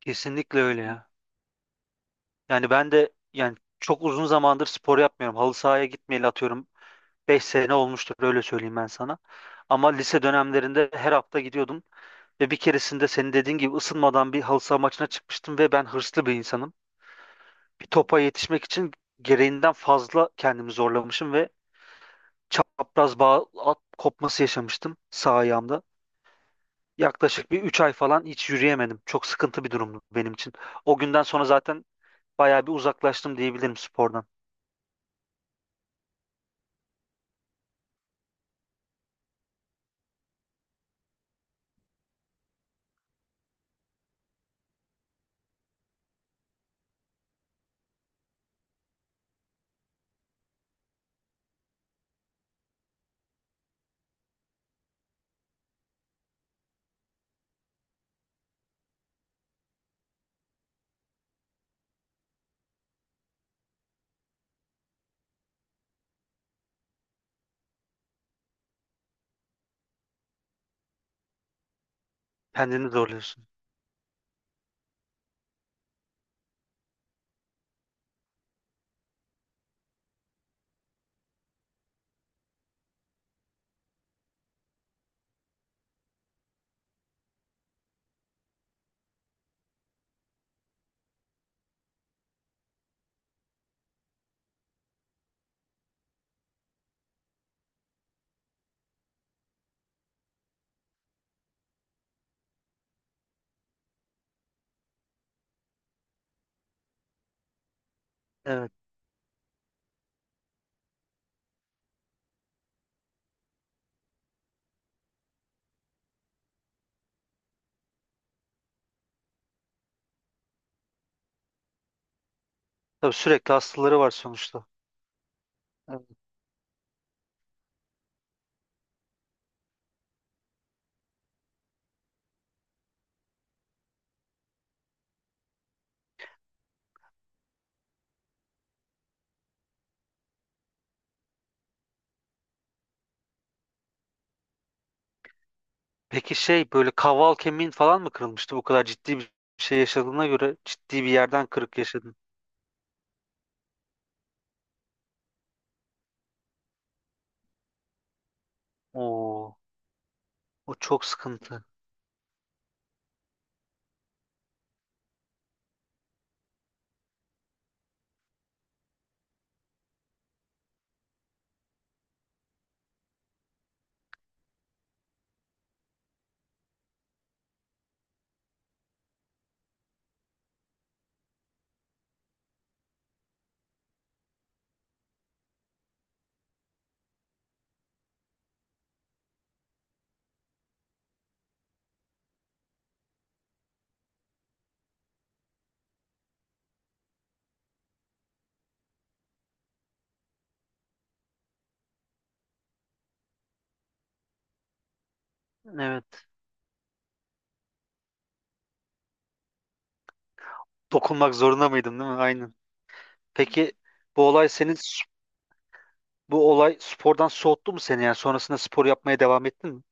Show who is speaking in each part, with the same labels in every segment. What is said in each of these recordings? Speaker 1: Kesinlikle öyle ya. Yani ben de, yani, çok uzun zamandır spor yapmıyorum. Halı sahaya gitmeyeli atıyorum 5 sene olmuştur, öyle söyleyeyim ben sana. Ama lise dönemlerinde her hafta gidiyordum ve bir keresinde senin dediğin gibi ısınmadan bir halı saha maçına çıkmıştım ve ben hırslı bir insanım. Bir topa yetişmek için gereğinden fazla kendimi zorlamışım ve çapraz bağ at kopması yaşamıştım sağ ayağımda. Yaklaşık bir 3 ay falan hiç yürüyemedim. Çok sıkıntı bir durumdu benim için. O günden sonra zaten bayağı bir uzaklaştım diyebilirim spordan. Kendini zorluyorsun. Evet. Tabii sürekli hastaları var sonuçta. Evet. Peki şey böyle kaval kemiğin falan mı kırılmıştı? Bu kadar ciddi bir şey yaşadığına göre ciddi bir yerden kırık yaşadın. Oo, o çok sıkıntı. Evet. Dokunmak zorunda mıydın, değil mi? Aynen. Peki bu olay senin bu olay spordan soğuttu mu seni? Yani sonrasında spor yapmaya devam ettin mi?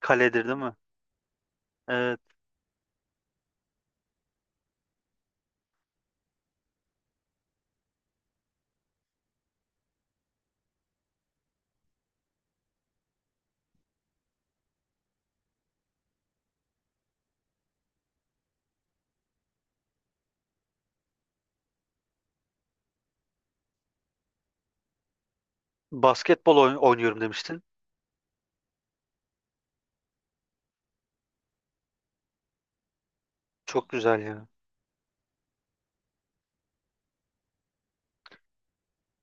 Speaker 1: Kaledir değil mi? Evet. Basketbol oynuyorum demiştin. Çok güzel ya.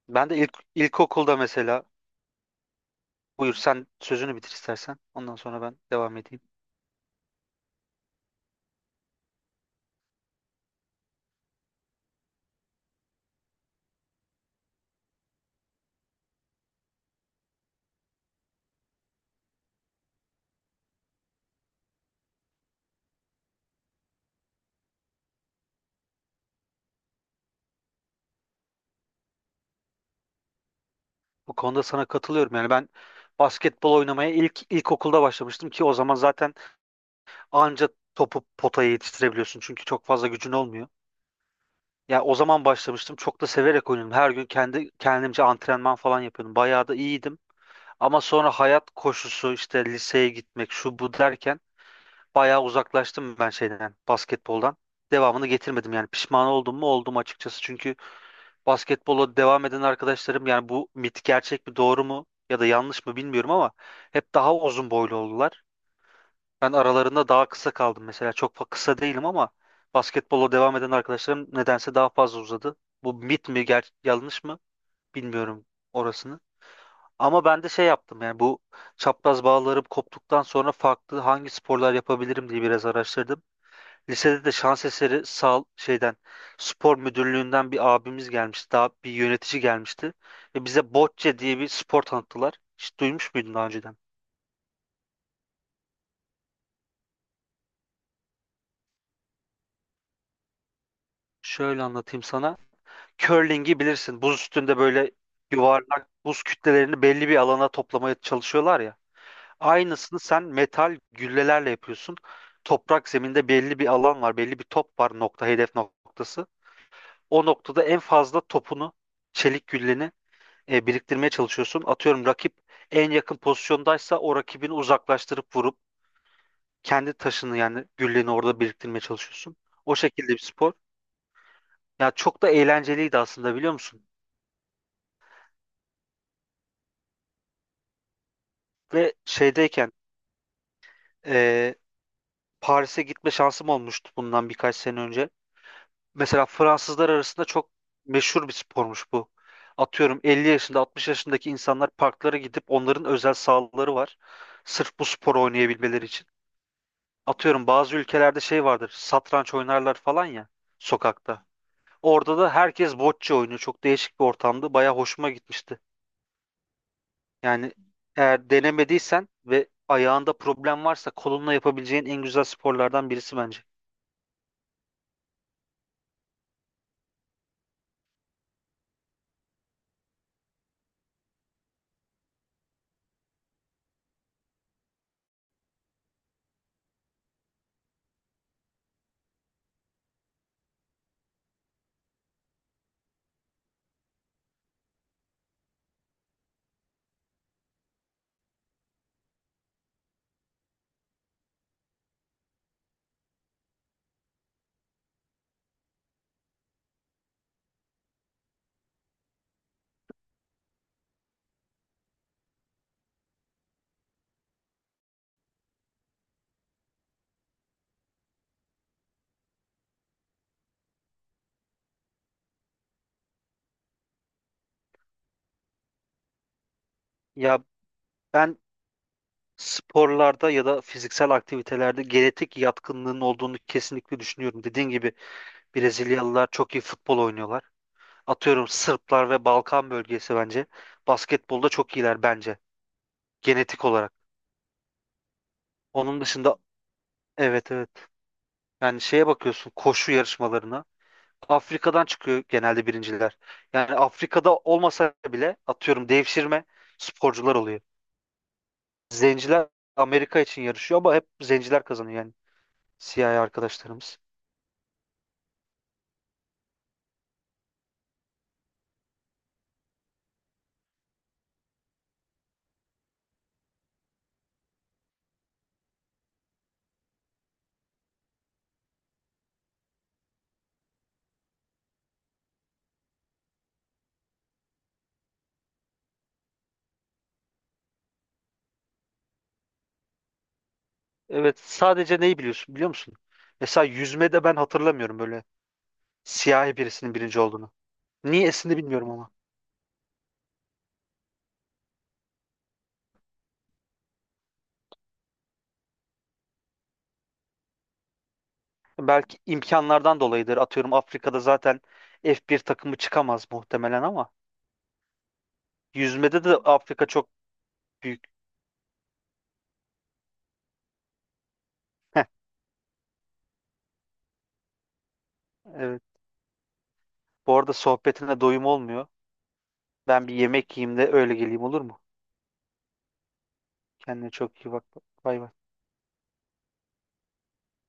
Speaker 1: Ben de ilk ilkokulda mesela. Buyur sen sözünü bitir istersen. Ondan sonra ben devam edeyim. Bu konuda sana katılıyorum. Yani ben basketbol oynamaya ilk ilkokulda başlamıştım ki o zaman zaten anca topu potaya yetiştirebiliyorsun. Çünkü çok fazla gücün olmuyor. Ya o zaman başlamıştım. Çok da severek oynadım. Her gün kendi kendimce antrenman falan yapıyordum. Bayağı da iyiydim. Ama sonra hayat koşusu işte, liseye gitmek şu bu derken bayağı uzaklaştım ben şeyden, basketboldan. Devamını getirmedim yani, pişman oldum mu oldum açıkçası. Çünkü basketbola devam eden arkadaşlarım, yani bu mit gerçek mi doğru mu ya da yanlış mı bilmiyorum ama, hep daha uzun boylu oldular. Ben aralarında daha kısa kaldım mesela. Kısa değilim ama basketbola devam eden arkadaşlarım nedense daha fazla uzadı. Bu mit mi yanlış mı bilmiyorum orasını. Ama ben de şey yaptım yani, bu çapraz bağlarım koptuktan sonra farklı hangi sporlar yapabilirim diye biraz araştırdım. Lisede de şans eseri şeyden, spor müdürlüğünden bir abimiz gelmişti. Daha bir yönetici gelmişti. Ve bize bocce diye bir spor tanıttılar. Hiç duymuş muydun daha önceden? Şöyle anlatayım sana. Curling'i bilirsin. Buz üstünde böyle yuvarlak buz kütlelerini belli bir alana toplamaya çalışıyorlar ya. Aynısını sen metal güllelerle yapıyorsun. Toprak zeminde belli bir alan var. Belli bir top var, nokta, hedef noktası. O noktada en fazla topunu, çelik gülleni biriktirmeye çalışıyorsun. Atıyorum rakip en yakın pozisyondaysa o rakibini uzaklaştırıp vurup kendi taşını, yani gülleni, orada biriktirmeye çalışıyorsun. O şekilde bir spor. Ya çok da eğlenceliydi aslında, biliyor musun? Ve şeydeyken e, Paris'e gitme şansım olmuştu bundan birkaç sene önce. Mesela Fransızlar arasında çok meşhur bir spormuş bu. Atıyorum 50 yaşında, 60 yaşındaki insanlar parklara gidip, onların özel sahaları var sırf bu sporu oynayabilmeleri için. Atıyorum bazı ülkelerde şey vardır, satranç oynarlar falan ya, sokakta. Orada da herkes bocce oynuyor. Çok değişik bir ortamdı. Baya hoşuma gitmişti. Yani eğer denemediysen ve ayağında problem varsa kolunla yapabileceğin en güzel sporlardan birisi bence. Ya ben sporlarda ya da fiziksel aktivitelerde genetik yatkınlığın olduğunu kesinlikle düşünüyorum. Dediğin gibi Brezilyalılar çok iyi futbol oynuyorlar. Atıyorum Sırplar ve Balkan bölgesi bence basketbolda çok iyiler, bence genetik olarak. Onun dışında, evet evet. Yani şeye bakıyorsun, koşu yarışmalarına. Afrika'dan çıkıyor genelde birinciler. Yani Afrika'da olmasa bile atıyorum devşirme sporcular oluyor. Zenciler Amerika için yarışıyor ama hep zenciler kazanıyor, yani siyahi arkadaşlarımız. Evet, sadece neyi biliyorsun biliyor musun? Mesela yüzmede ben hatırlamıyorum böyle siyahi birisinin birinci olduğunu. Niyesini bilmiyorum ama. Belki imkanlardan dolayıdır. Atıyorum Afrika'da zaten F1 takımı çıkamaz muhtemelen ama yüzmede de Afrika çok büyük. Heh, evet. Bu arada sohbetine doyum olmuyor. Ben bir yemek yiyeyim de öyle geleyim, olur mu? Kendine çok iyi bak. Bay bay.